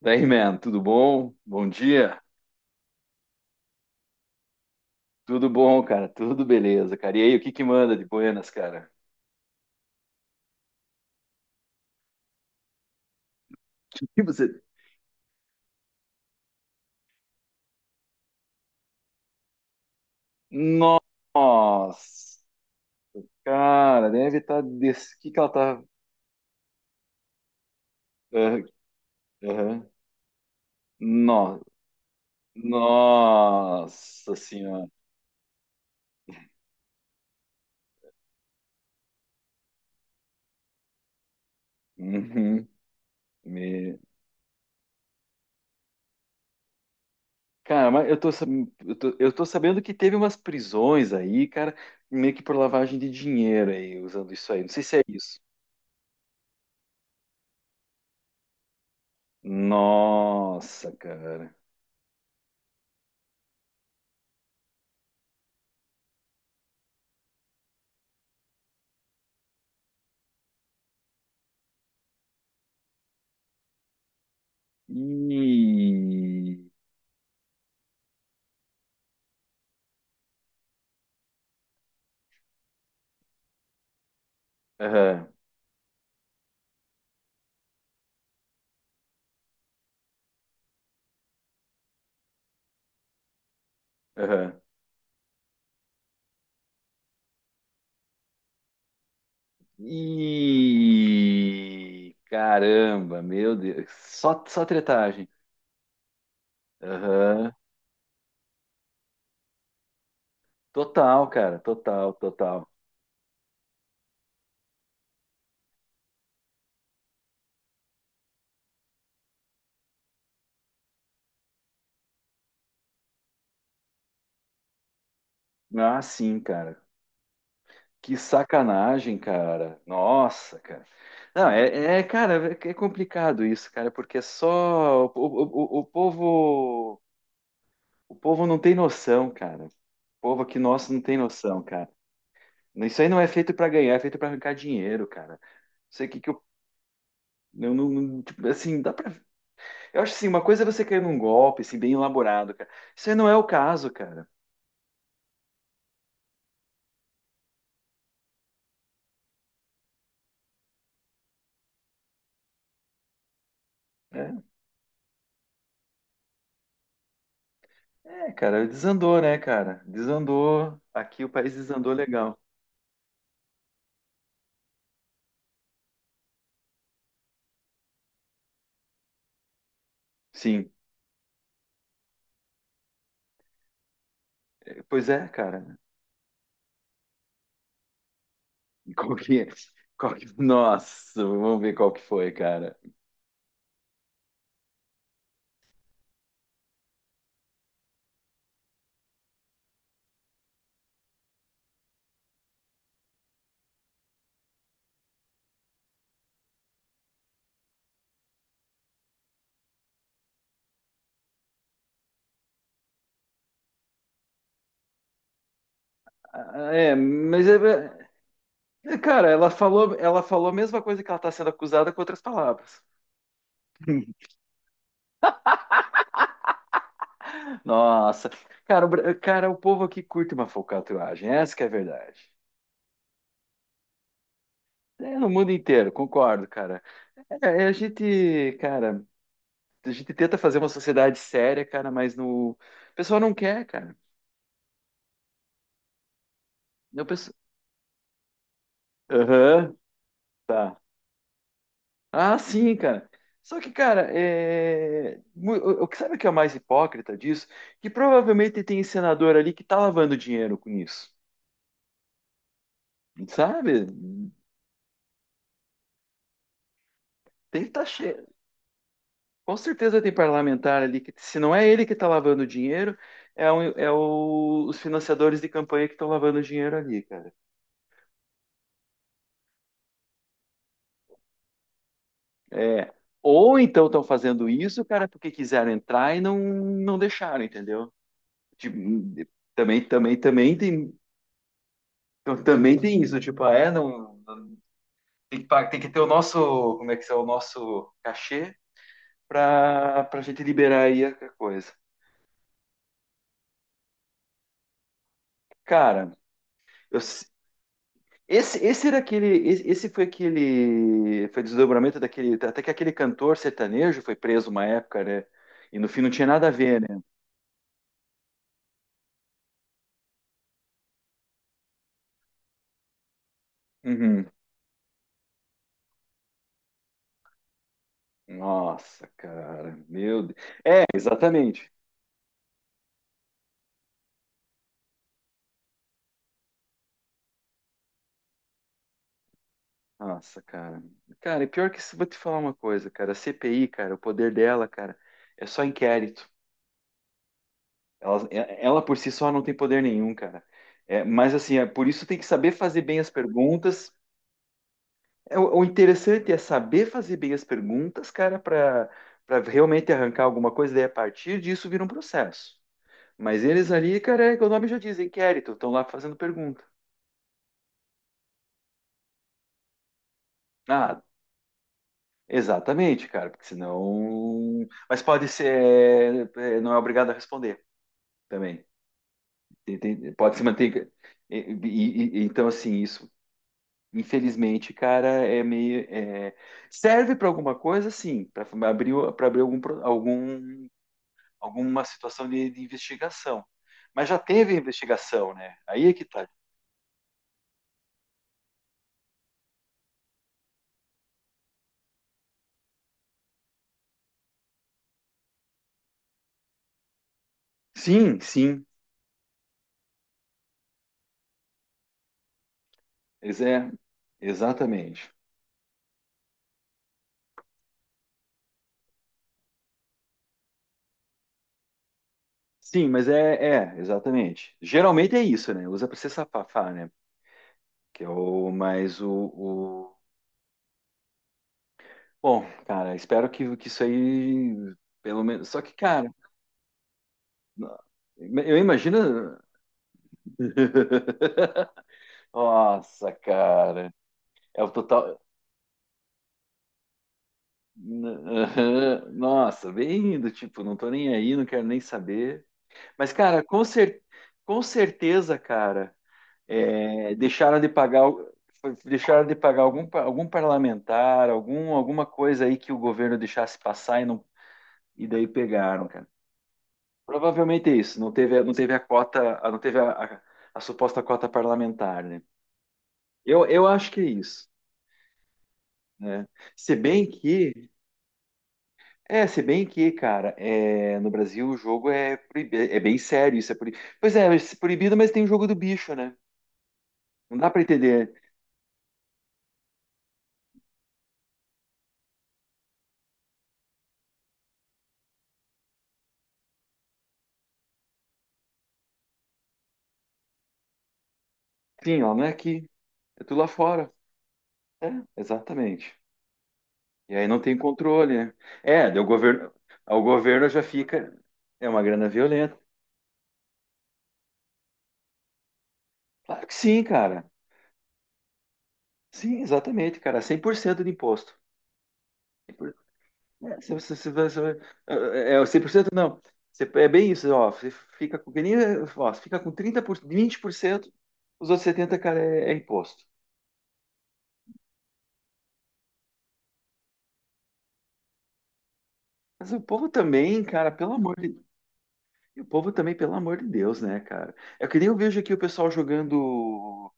Tudo bom? Bom dia. Tudo bom, cara? Tudo beleza, cara. E aí, o que que manda de Buenas, cara? O que você... Nossa, cara, deve estar... Des... O que que ela tá... Aham, aham. No- Nossa senhora. Uhum. Me- Cara, mas eu tô sabendo que teve umas prisões aí, cara, meio que por lavagem de dinheiro aí, usando isso aí. Não sei se é isso. Nossa, cara. E. Aham, aham. E. Caramba, meu Deus. Só tretagem. Aham. Total, cara. Total, total. Ah, sim, cara. Que sacanagem, cara. Nossa, cara. Não, é, é, cara, é complicado isso, cara, porque só o povo, o povo não tem noção, cara. O povo aqui nosso não tem noção, cara. Isso aí não é feito pra ganhar, é feito pra arrancar dinheiro, cara. Sei o que que eu. Tipo, assim, dá pra. Eu acho assim, uma coisa é você cair num golpe, assim, bem elaborado, cara. Isso aí não é o caso, cara. É, é, cara, desandou, né, cara? Desandou. Aqui o país desandou legal. Sim. Pois é, cara. E qual que, é? Qual que- Nossa, vamos ver qual que foi, cara. Ah, é, mas é, é, cara, ela falou a mesma coisa que ela tá sendo acusada com outras palavras. Nossa, cara, o, Bra- cara, o povo aqui curte uma falcatruagem, essa que é a verdade. É, no mundo inteiro, concordo, cara. É, é, a gente, cara, a gente tenta fazer uma sociedade séria, cara, mas no... o pessoal não quer, cara. O pessoal... Aham, tá. Ah, sim, cara. Só que, cara, é... mu- o que sabe o que é o mais hipócrita disso? Que provavelmente tem senador ali que tá lavando dinheiro com isso, sabe? Tem que tá che... Com certeza tem parlamentar ali que, se não é ele que está lavando dinheiro, é, um- é o- os financiadores de campanha que estão lavando dinheiro ali, cara. É. Ou então estão fazendo isso, cara, porque quiseram entrar e não, não deixaram, entendeu? Tipo, também tem, então, também tem isso, tipo, ah, é, não, não- tem que, pa- tem que ter o nosso, como é que é, o nosso cachê para gente liberar aí a coisa. Cara, eu, esse era aquele, esse foi aquele, foi desdobramento daquele, até que aquele cantor sertanejo foi preso uma época, né? E no fim não tinha nada a ver, né? Uhum. Nossa, cara, meu Deus. É, exatamente. Nossa, cara. Cara, e pior que isso, vou te falar uma coisa, cara. A CPI, cara, o poder dela, cara, é só inquérito. Ela por si só não tem poder nenhum, cara. É, mas assim, é, por isso tem que saber fazer bem as perguntas. É, o interessante é saber fazer bem as perguntas, cara, para realmente arrancar alguma coisa, daí a partir disso vira um processo. Mas eles ali, cara, é que o nome já diz, inquérito, estão lá fazendo pergunta. Ah, exatamente, cara, porque senão. Mas pode ser. É, é, não é obrigado a responder também. Tem- tem- pode se manter. E- e- então, assim, isso, infelizmente, cara, é meio. É- serve para alguma coisa, sim, para abrir algum, pro- algum alguma situação de investigação. Mas já teve investigação, né? Aí é que tá. Sim. Ex- é, exatamente. Sim, mas é, é, exatamente. Geralmente é isso, né? Usa para se safar, né? Que é o mais o- Bom, cara, espero que isso aí, pelo menos. Só que, cara, eu imagino. Nossa, cara. É o total. Nossa, bem do tipo, não tô nem aí, não quero nem saber. Mas, cara, com, cer com certeza, cara, é, deixaram de pagar, o- foi- deixaram de pagar algum, pa- algum parlamentar, algum, alguma coisa aí que o governo deixasse passar e, não, e daí pegaram, cara. Provavelmente é isso. Não teve a cota, a- não teve a suposta cota parlamentar, né? Eu acho que é isso, né? Se bem que, é, se bem que, cara, é, no Brasil o jogo é, proibi- é bem sério, isso é proibido. Pois é, é proibido, mas tem o jogo do bicho, né? Não dá para entender. Sim, ela não é aqui. É tudo lá fora. É, exatamente. E aí não tem controle, né? É, daí o governo já fica. É uma grana violenta. Claro que sim, cara. Sim, exatamente, cara. É 100% de imposto. É, se você- se você- é, é, 100% não. Você- É bem isso, ó. Você fica com, que nem- ó, você fica com trinta por cento vinte por cento, os outros 70, cara, é, é imposto. Mas o povo também, cara, pelo amor de E o povo também, pelo amor de Deus, né, cara? É que nem eu vejo aqui o pessoal jogando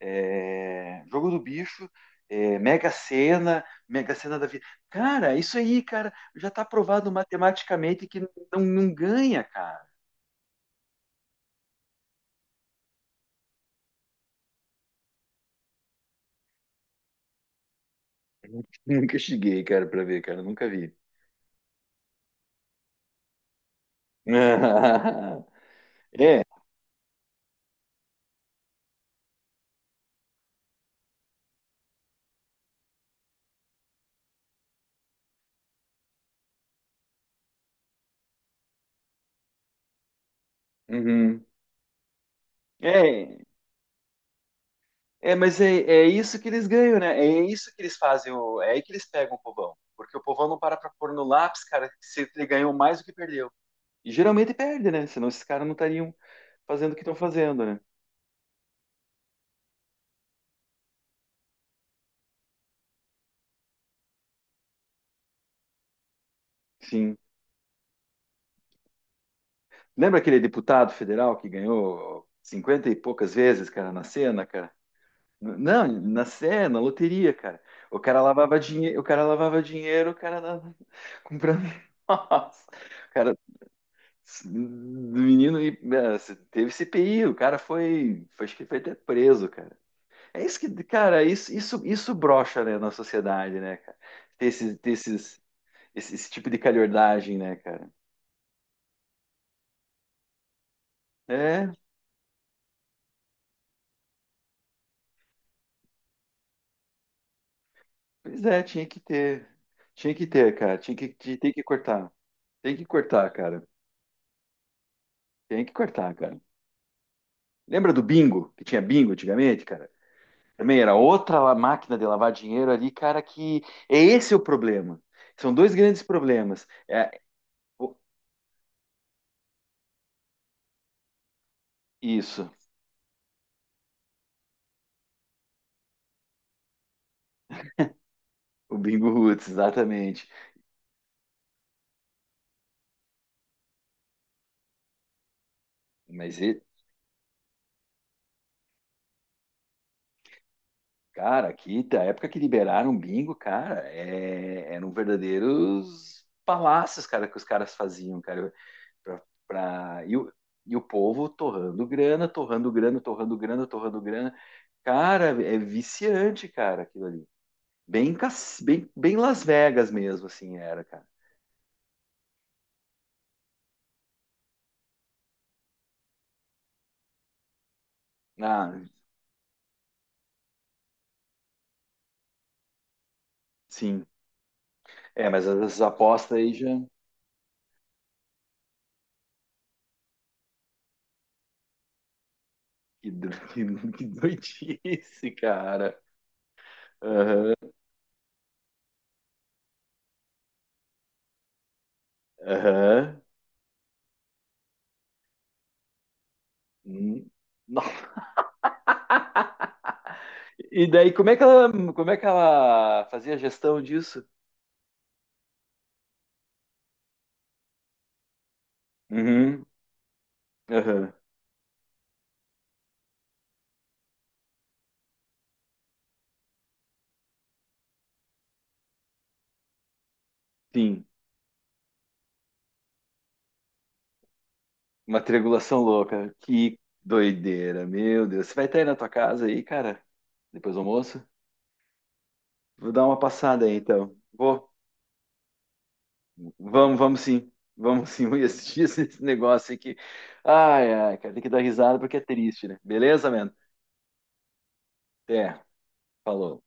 é, jogo do bicho, é, Mega Sena, Mega Sena da vida. Cara, isso aí, cara, já tá provado matematicamente que não, não ganha, cara. Nunca cheguei, cara, pra ver, cara, nunca vi. É, uhum. É, é, mas é, é isso que eles ganham, né? É isso que eles fazem, o- é aí que eles pegam o povão. Porque o povão não para pra pôr no lápis, cara, se ele ganhou mais do que perdeu. E geralmente perde, né? Senão esses caras não estariam fazendo o que estão fazendo, né? Sim. Lembra aquele deputado federal que ganhou 50 e poucas vezes, cara, na cena, cara? Não, na cena, na loteria, cara. O cara dava- comprando. Nossa, o cara, do menino e- eh, teve CPI, o cara foi, foi, acho que foi até preso, cara. É isso que, cara, isso brocha, né, na sociedade, né, cara? Ter esses, ter esses, Esse, esse tipo de calhordagem, né, cara? É, pois é, tinha que ter. Tinha que ter, cara. Tinha que, ti- tem que cortar. Tem que cortar, cara. Tem que cortar, cara. Lembra do bingo? Que tinha bingo antigamente, cara? Também era outra la- máquina de lavar dinheiro ali, cara, que é esse o problema. São dois grandes problemas. É, o- isso, o bingo roots, exatamente. Mas, e- cara, aqui, da época que liberaram o bingo, cara, é, eram verdadeiros palácios, cara, que os caras faziam, cara. Pra, pra- e, o, e o povo torrando grana. Cara, é viciante, cara, aquilo ali. Bem, cas- bem, bem Las Vegas mesmo, assim, era, cara. Ah, sim. É, mas essas apostas aí já. Que, do- que doidice, cara. Aham. Hum. Nó. E daí, como é que ela fazia a gestão disso? Uhum. Aham. Sim. Uma triangulação louca. Que doideira, meu Deus. Você vai estar aí na tua casa aí, cara? Depois do almoço? Vou dar uma passada aí, então. Vou. Vamos sim. Vamos sim. Vamos assistir esse negócio aqui. Ai, ai, cara, tem que dar risada porque é triste, né? Beleza, mano? Até. Falou.